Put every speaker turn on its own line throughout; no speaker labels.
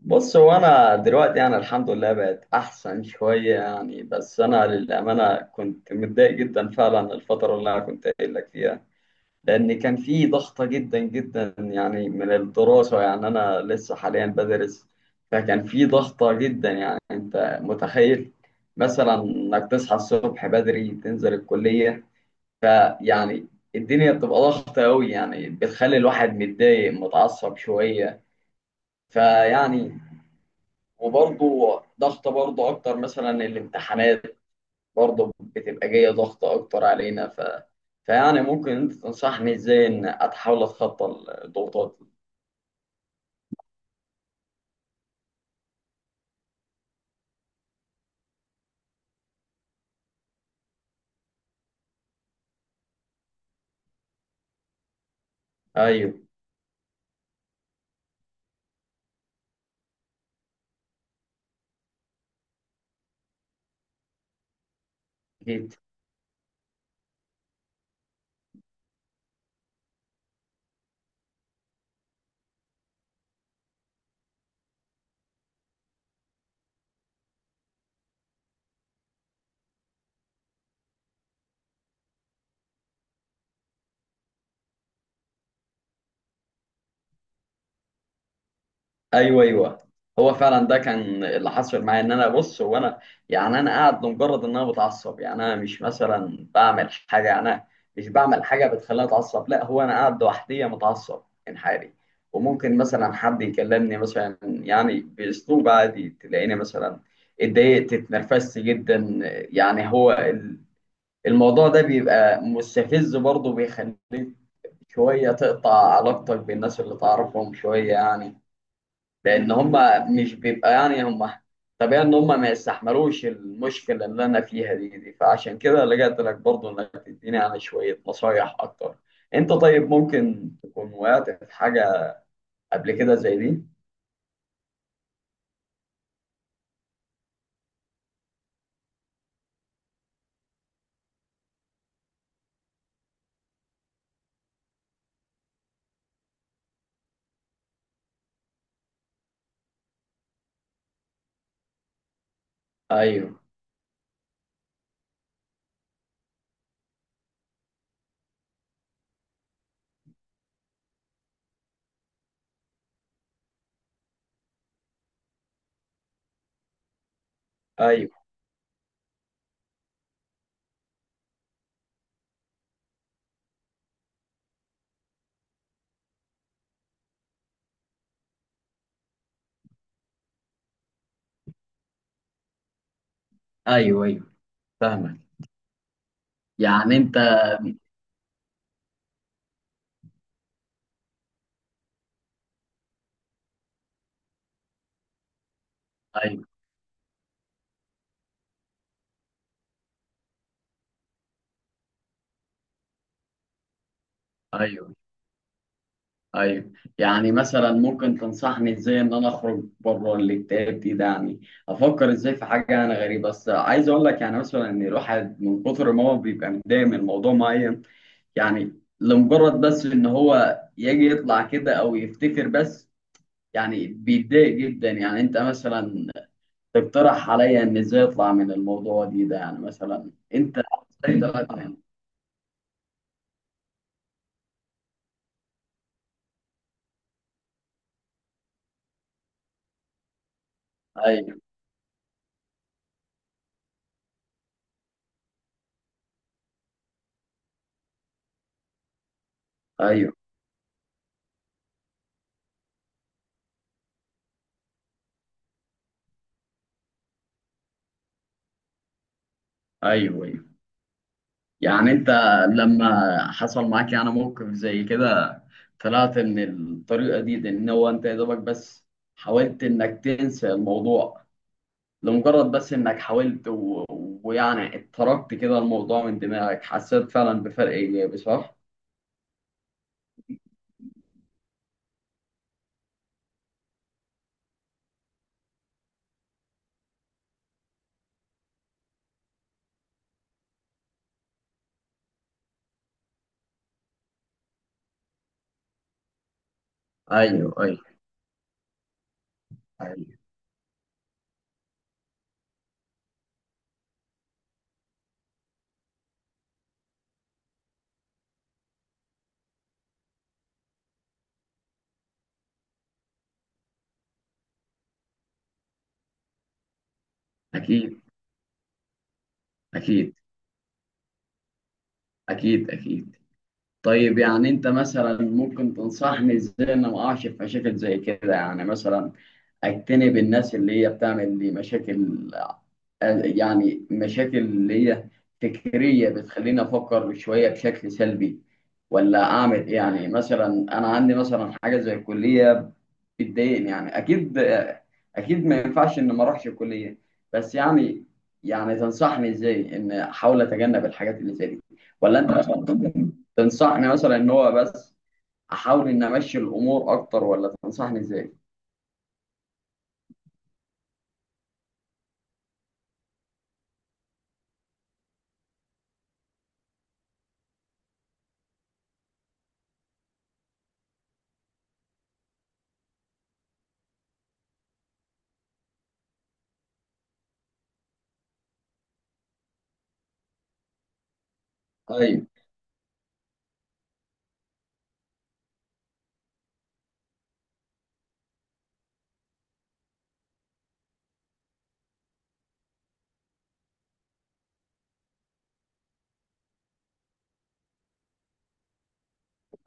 بص، هو انا دلوقتي يعني الحمد لله بقت احسن شويه يعني. بس انا للامانه كنت متضايق جدا فعلا الفتره اللي انا كنت قايل لك فيها، لان كان في ضغطه جدا جدا يعني من الدراسه. يعني انا لسه حاليا بدرس، فكان في ضغطه جدا. يعني انت متخيل مثلا انك تصحى الصبح بدري تنزل الكليه، فيعني الدنيا بتبقى ضغطه قوي، يعني بتخلي الواحد متضايق متعصب شويه. فيعني وبرضه ضغط برضه اكتر مثلا الامتحانات برضه بتبقى جايه ضغط اكتر علينا فيعني ممكن انت تنصحني ازاي ان اتحاول اتخطى الضغوطات دي؟ ايوه. اكيد. ايوه، ايوه. هو فعلا ده كان اللي حصل معايا، ان انا، بص هو انا يعني انا قاعد لمجرد ان انا بتعصب. يعني انا مش مثلا بعمل حاجه، يعني انا مش بعمل حاجه بتخليني اتعصب، لا هو انا قاعد لوحدي متعصب انحالي. وممكن مثلا حد يكلمني مثلا يعني باسلوب عادي تلاقيني مثلا اتضايقت اتنرفزت جدا. يعني هو الموضوع ده بيبقى مستفز، برضه بيخليك شويه تقطع علاقتك بالناس اللي تعرفهم شويه يعني. لان هم مش بيبقى، يعني هم طبيعي ان هم ما يستحملوش المشكله اللي انا فيها دي، فعشان كده لجأت لك برضه انك تديني يعني شويه نصايح اكتر. انت طيب ممكن تكون وقعت في حاجه قبل كده زي دي؟ ايوه، ايوه. ايوه، ايوه. فاهمك. يعني انت، ايوه، ايوه. ايوه يعني مثلا ممكن تنصحني ازاي ان انا اخرج بره الاكتئاب دي ده، يعني افكر ازاي في حاجه انا غريبه. بس عايز اقول لك يعني مثلا ان الواحد من كتر ما هو بيبقى متضايق من موضوع معين، يعني لمجرد بس ان هو يجي يطلع كده او يفتكر بس يعني بيتضايق جدا. يعني انت مثلا تقترح عليا ان ازاي اطلع من الموضوع دي ده، يعني مثلا انت ازاي طلعت منه؟ ايوه، ايوه. ايوه. يعني انت لما حصل معاك يعني موقف زي كده، طلعت من الطريقة دي، ان هو انت يا دوبك بس حاولت انك تنسى الموضوع؟ لمجرد بس انك حاولت ويعني اتركت كده الموضوع من دماغك حسيت فعلا بفرق ايجابي، صح؟ ايوه، ايوه. ايوه. اكيد. اكيد، اكيد. اكيد. طيب يعني انت مثلا ممكن تنصحني ازاي ان ما اقعش في مشاكل زي كده؟ يعني مثلا اجتنب الناس اللي هي بتعمل لي مشاكل، يعني مشاكل اللي هي فكرية بتخليني افكر شوية بشكل سلبي، ولا اعمل ايه؟ يعني مثلا انا عندي مثلا حاجة زي الكلية بتضايقني يعني. اكيد، اكيد ما ينفعش ان ما اروحش الكلية، بس يعني تنصحني ازاي ان احاول اتجنب الحاجات اللي زي دي؟ ولا انت مثلا تنصحني مثلا ان هو بس احاول ان امشي الامور اكتر، ولا تنصحني ازاي؟ ايوه،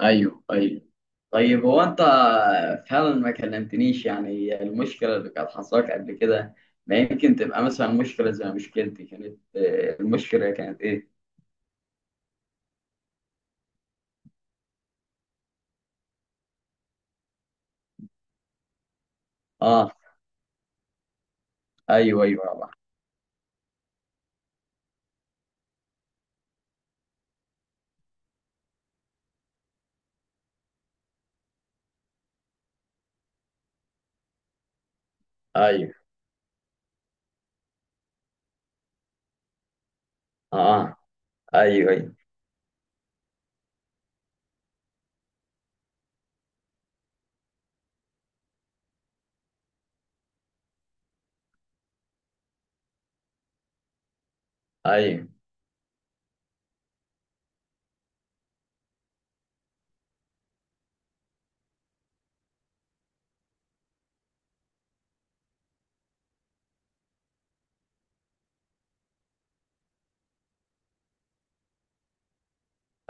ايوه. ايوه. طيب هو انت فعلا ما كلمتنيش يعني المشكله اللي كانت حصلك قبل كده، ما يمكن تبقى مثلا مشكله زي مشكلتي. كانت المشكله كانت ايه؟ اه. ايوه، ايوه، يابا. ايوه. اه. ايوه، ايوه. ايوه،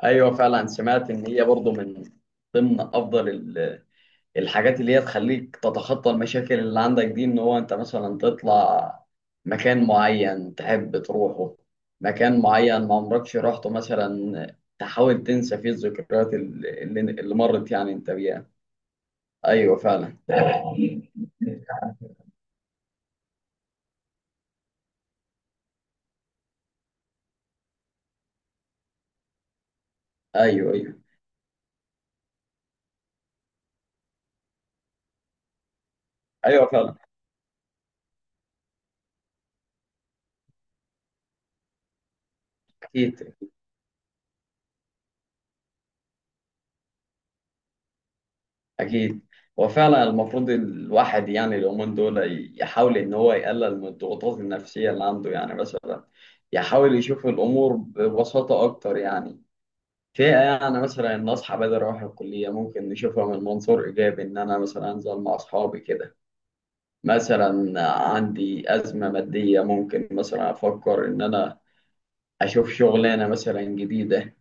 ايوه فعلا سمعت ان هي برضو من ضمن افضل الحاجات اللي هي تخليك تتخطى المشاكل اللي عندك دي، ان هو انت مثلا تطلع مكان معين تحب تروحه، مكان معين ما عمركش رحته، مثلا تحاول تنسى فيه الذكريات اللي مرت يعني انت بيها. ايوه فعلا. ايوه، ايوه. ايوه فعلا. اكيد. اكيد. هو فعلا المفروض الواحد يعني اليومين دول يحاول ان هو يقلل من الضغوطات النفسيه اللي عنده. يعني مثلا يحاول يشوف الامور ببساطه اكتر. يعني في يعني مثلا ان اصحى بدري اروح الكليه ممكن نشوفها من منظور ايجابي، ان انا مثلا انزل مع اصحابي كده. مثلا عندي ازمه ماديه ممكن مثلا افكر ان انا اشوف شغلانه مثلا جديده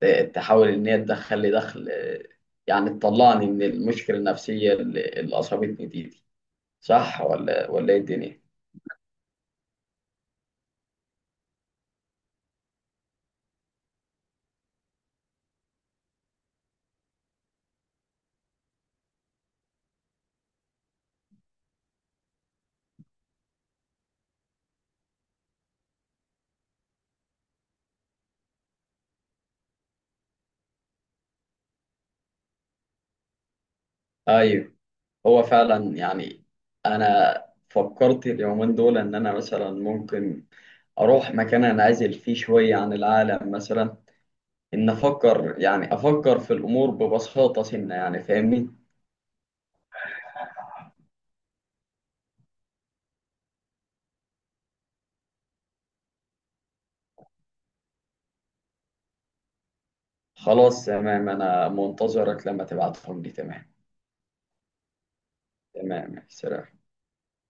تحاول ان هي تدخل لي دخل، يعني تطلعني من المشكله النفسيه اللي اصابتني دي. صح ولا ايه الدنيا؟ ايوه. هو فعلا يعني انا فكرت اليومين دول ان انا مثلا ممكن اروح مكان انعزل فيه شويه عن العالم، مثلا ان افكر، يعني افكر في الامور ببساطه سنه يعني. فاهمني؟ خلاص، تمام. انا منتظرك لما تبعتهم لي. تمام. تمام، سلام.